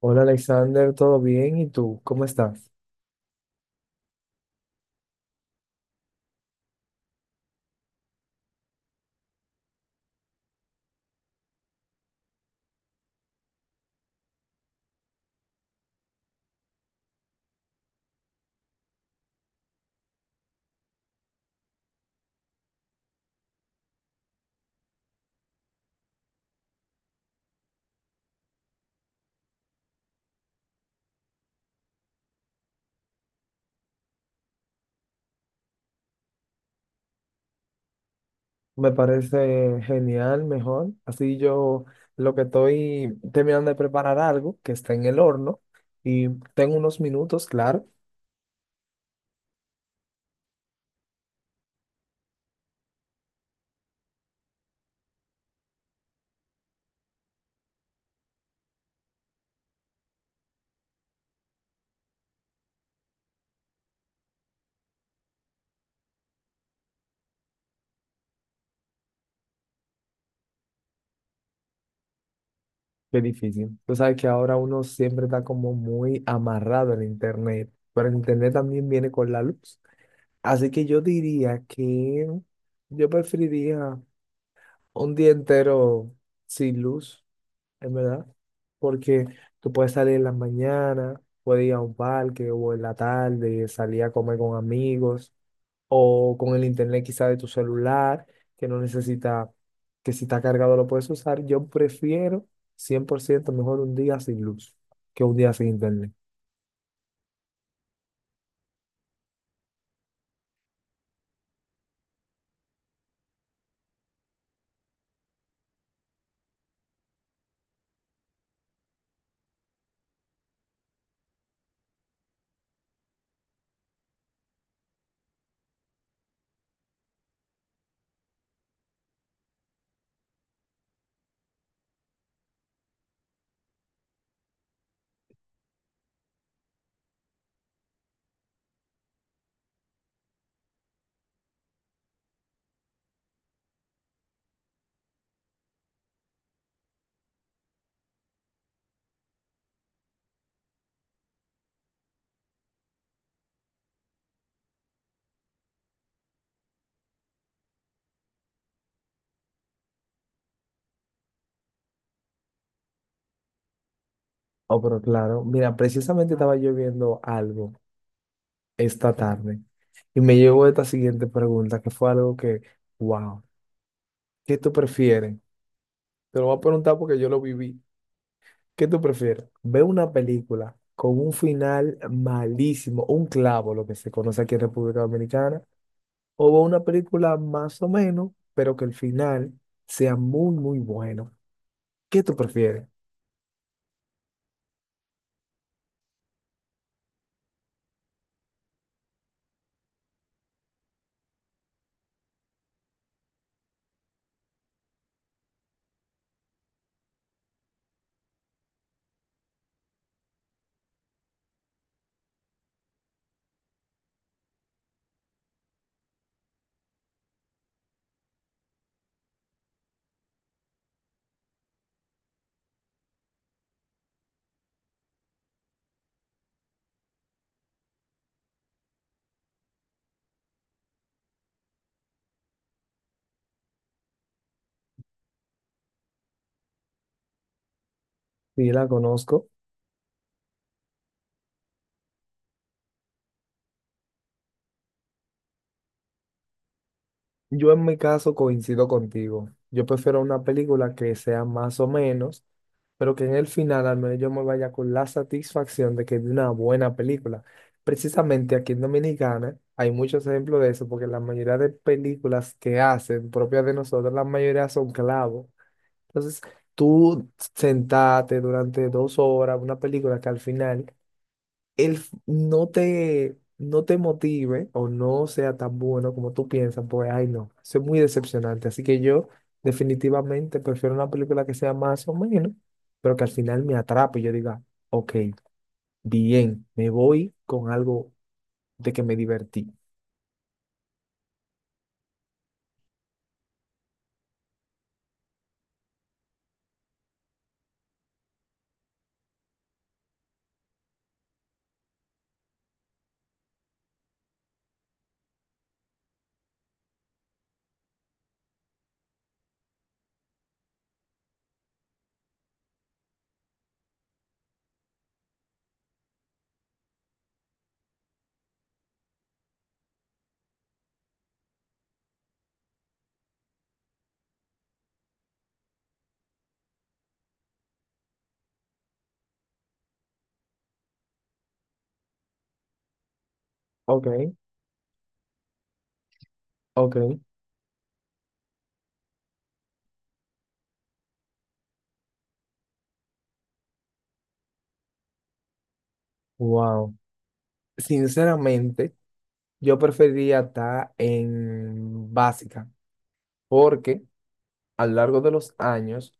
Hola Alexander, ¿todo bien? ¿Y tú? ¿Cómo estás? Me parece genial, mejor. Así yo lo que estoy terminando de preparar algo que está en el horno y tengo unos minutos, claro. Qué difícil. Tú sabes que ahora uno siempre está como muy amarrado en internet, pero el internet también viene con la luz. Así que yo diría que yo preferiría un día entero sin luz. Es verdad, porque tú puedes salir en las mañanas, puedes ir a un parque o en la tarde, salir a comer con amigos o con el internet quizá de tu celular, que no necesita, que si está cargado lo puedes usar. Yo prefiero 100% mejor un día sin luz que un día sin internet. Oh, pero claro, mira, precisamente estaba yo viendo algo esta tarde y me llegó esta siguiente pregunta, que fue algo que, wow, ¿qué tú prefieres? Te lo voy a preguntar porque yo lo viví. ¿Qué tú prefieres? ¿Ver una película con un final malísimo, un clavo, lo que se conoce aquí en República Dominicana, o ver una película más o menos, pero que el final sea muy, muy bueno? ¿Qué tú prefieres? Sí, la conozco. Yo en mi caso coincido contigo. Yo prefiero una película que sea más o menos, pero que en el final al menos yo me vaya con la satisfacción de que vi una buena película. Precisamente aquí en Dominicana hay muchos ejemplos de eso, porque la mayoría de películas que hacen propias de nosotros, la mayoría son clavos. Entonces, tú sentarte durante 2 horas, una película que al final no te motive o no sea tan bueno como tú piensas, pues, ay, no, eso es muy decepcionante. Así que yo definitivamente prefiero una película que sea más o menos, pero que al final me atrape y yo diga, ok, bien, me voy con algo de que me divertí. Ok, ok, wow. Sinceramente, yo preferiría estar en básica, porque a lo largo de los años,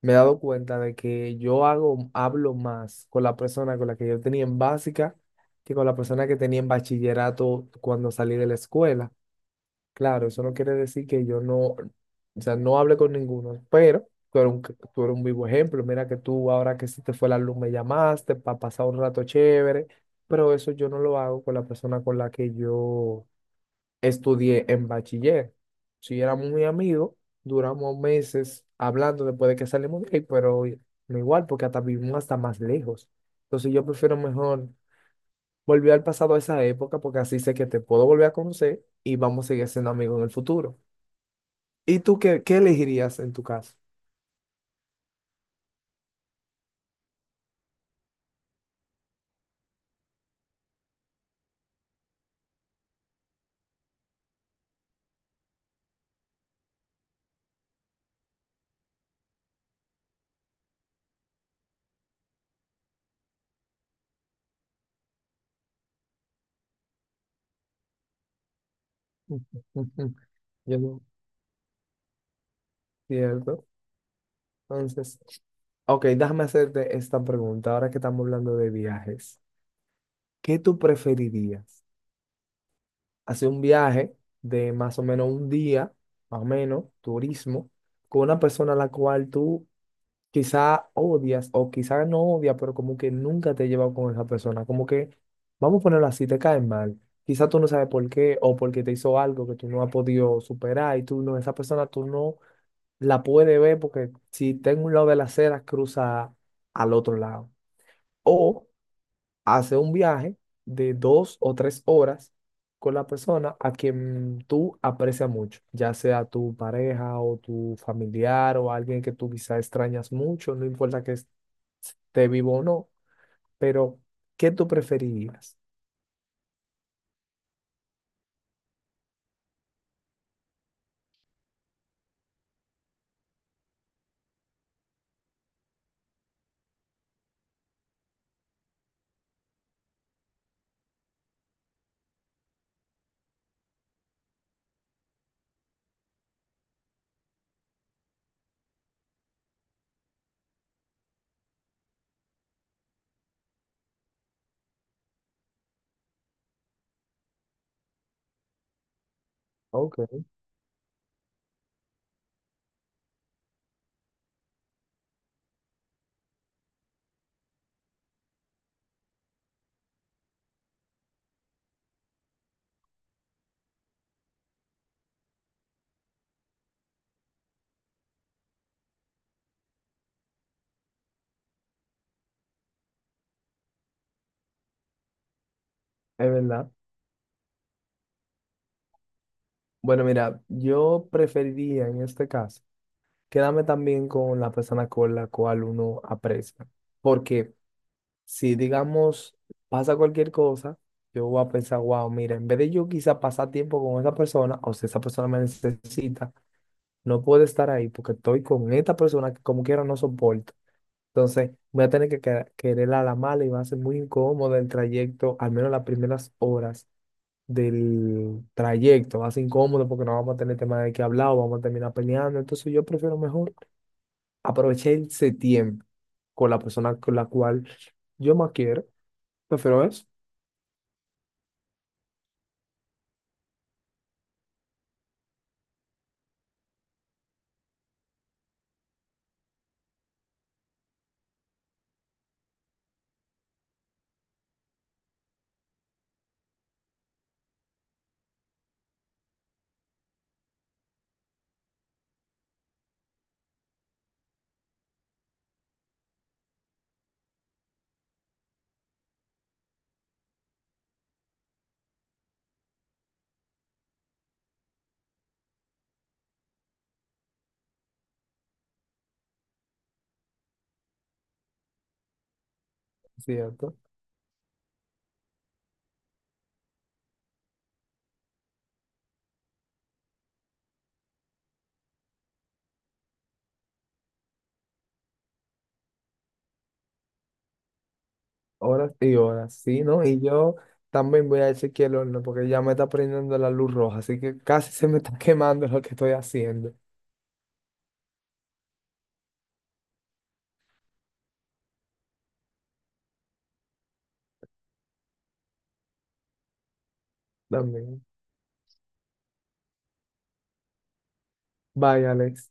me he dado cuenta de que yo hablo más con la persona con la que yo tenía en básica que con la persona que tenía en bachillerato cuando salí de la escuela. Claro, eso no quiere decir que yo no, o sea, no hable con ninguno, pero tú eres un vivo ejemplo. Mira que tú ahora que se te fue la luz me llamaste para pasar un rato chévere, pero eso yo no lo hago con la persona con la que yo estudié en bachiller. Si éramos muy amigos, duramos meses hablando después de que salimos de ahí, pero no igual, porque hasta vivimos hasta más lejos. Entonces yo prefiero mejor volver al pasado a esa época, porque así sé que te puedo volver a conocer y vamos a seguir siendo amigos en el futuro. ¿Y tú qué, qué elegirías en tu caso? Ujú. Yo no, cierto. Entonces, ok, déjame hacerte esta pregunta, ahora que estamos hablando de viajes. ¿Qué tú preferirías? Hacer un viaje de más o menos un día, más o menos, turismo, con una persona a la cual tú quizá odias o quizá no odias, pero como que nunca te he llevado con esa persona, como que, vamos a ponerlo así, te cae mal. Quizá tú no sabes por qué o porque te hizo algo que tú no has podido superar y tú no, esa persona tú no la puedes ver porque si está en un lado de la acera cruza al otro lado. O hace un viaje de 2 o 3 horas con la persona a quien tú aprecias mucho, ya sea tu pareja o tu familiar o alguien que tú quizá extrañas mucho, no importa que esté vivo o no, pero ¿qué tú preferirías? Ok, es verdad. Bueno, mira, yo preferiría en este caso quedarme también con la persona con la cual uno aprecia, porque si digamos pasa cualquier cosa, yo voy a pensar, wow, mira, en vez de yo quizá pasar tiempo con esa persona, o si esa persona me necesita, no puedo estar ahí porque estoy con esta persona que como quiera no soporto. Entonces voy a tener que querer a la mala y va a ser muy incómodo el trayecto, al menos las primeras horas del trayecto. Va a ser incómodo porque no vamos a tener tema de qué hablar o vamos a terminar peleando. Entonces yo prefiero mejor aprovechar ese tiempo con la persona con la cual yo más quiero. Prefiero eso. Cierto. Horas y horas, sí, ¿no? Y yo también voy a decir que el horno, porque ya me está prendiendo la luz roja, así que casi se me está quemando lo que estoy haciendo también. Vaya, Alex.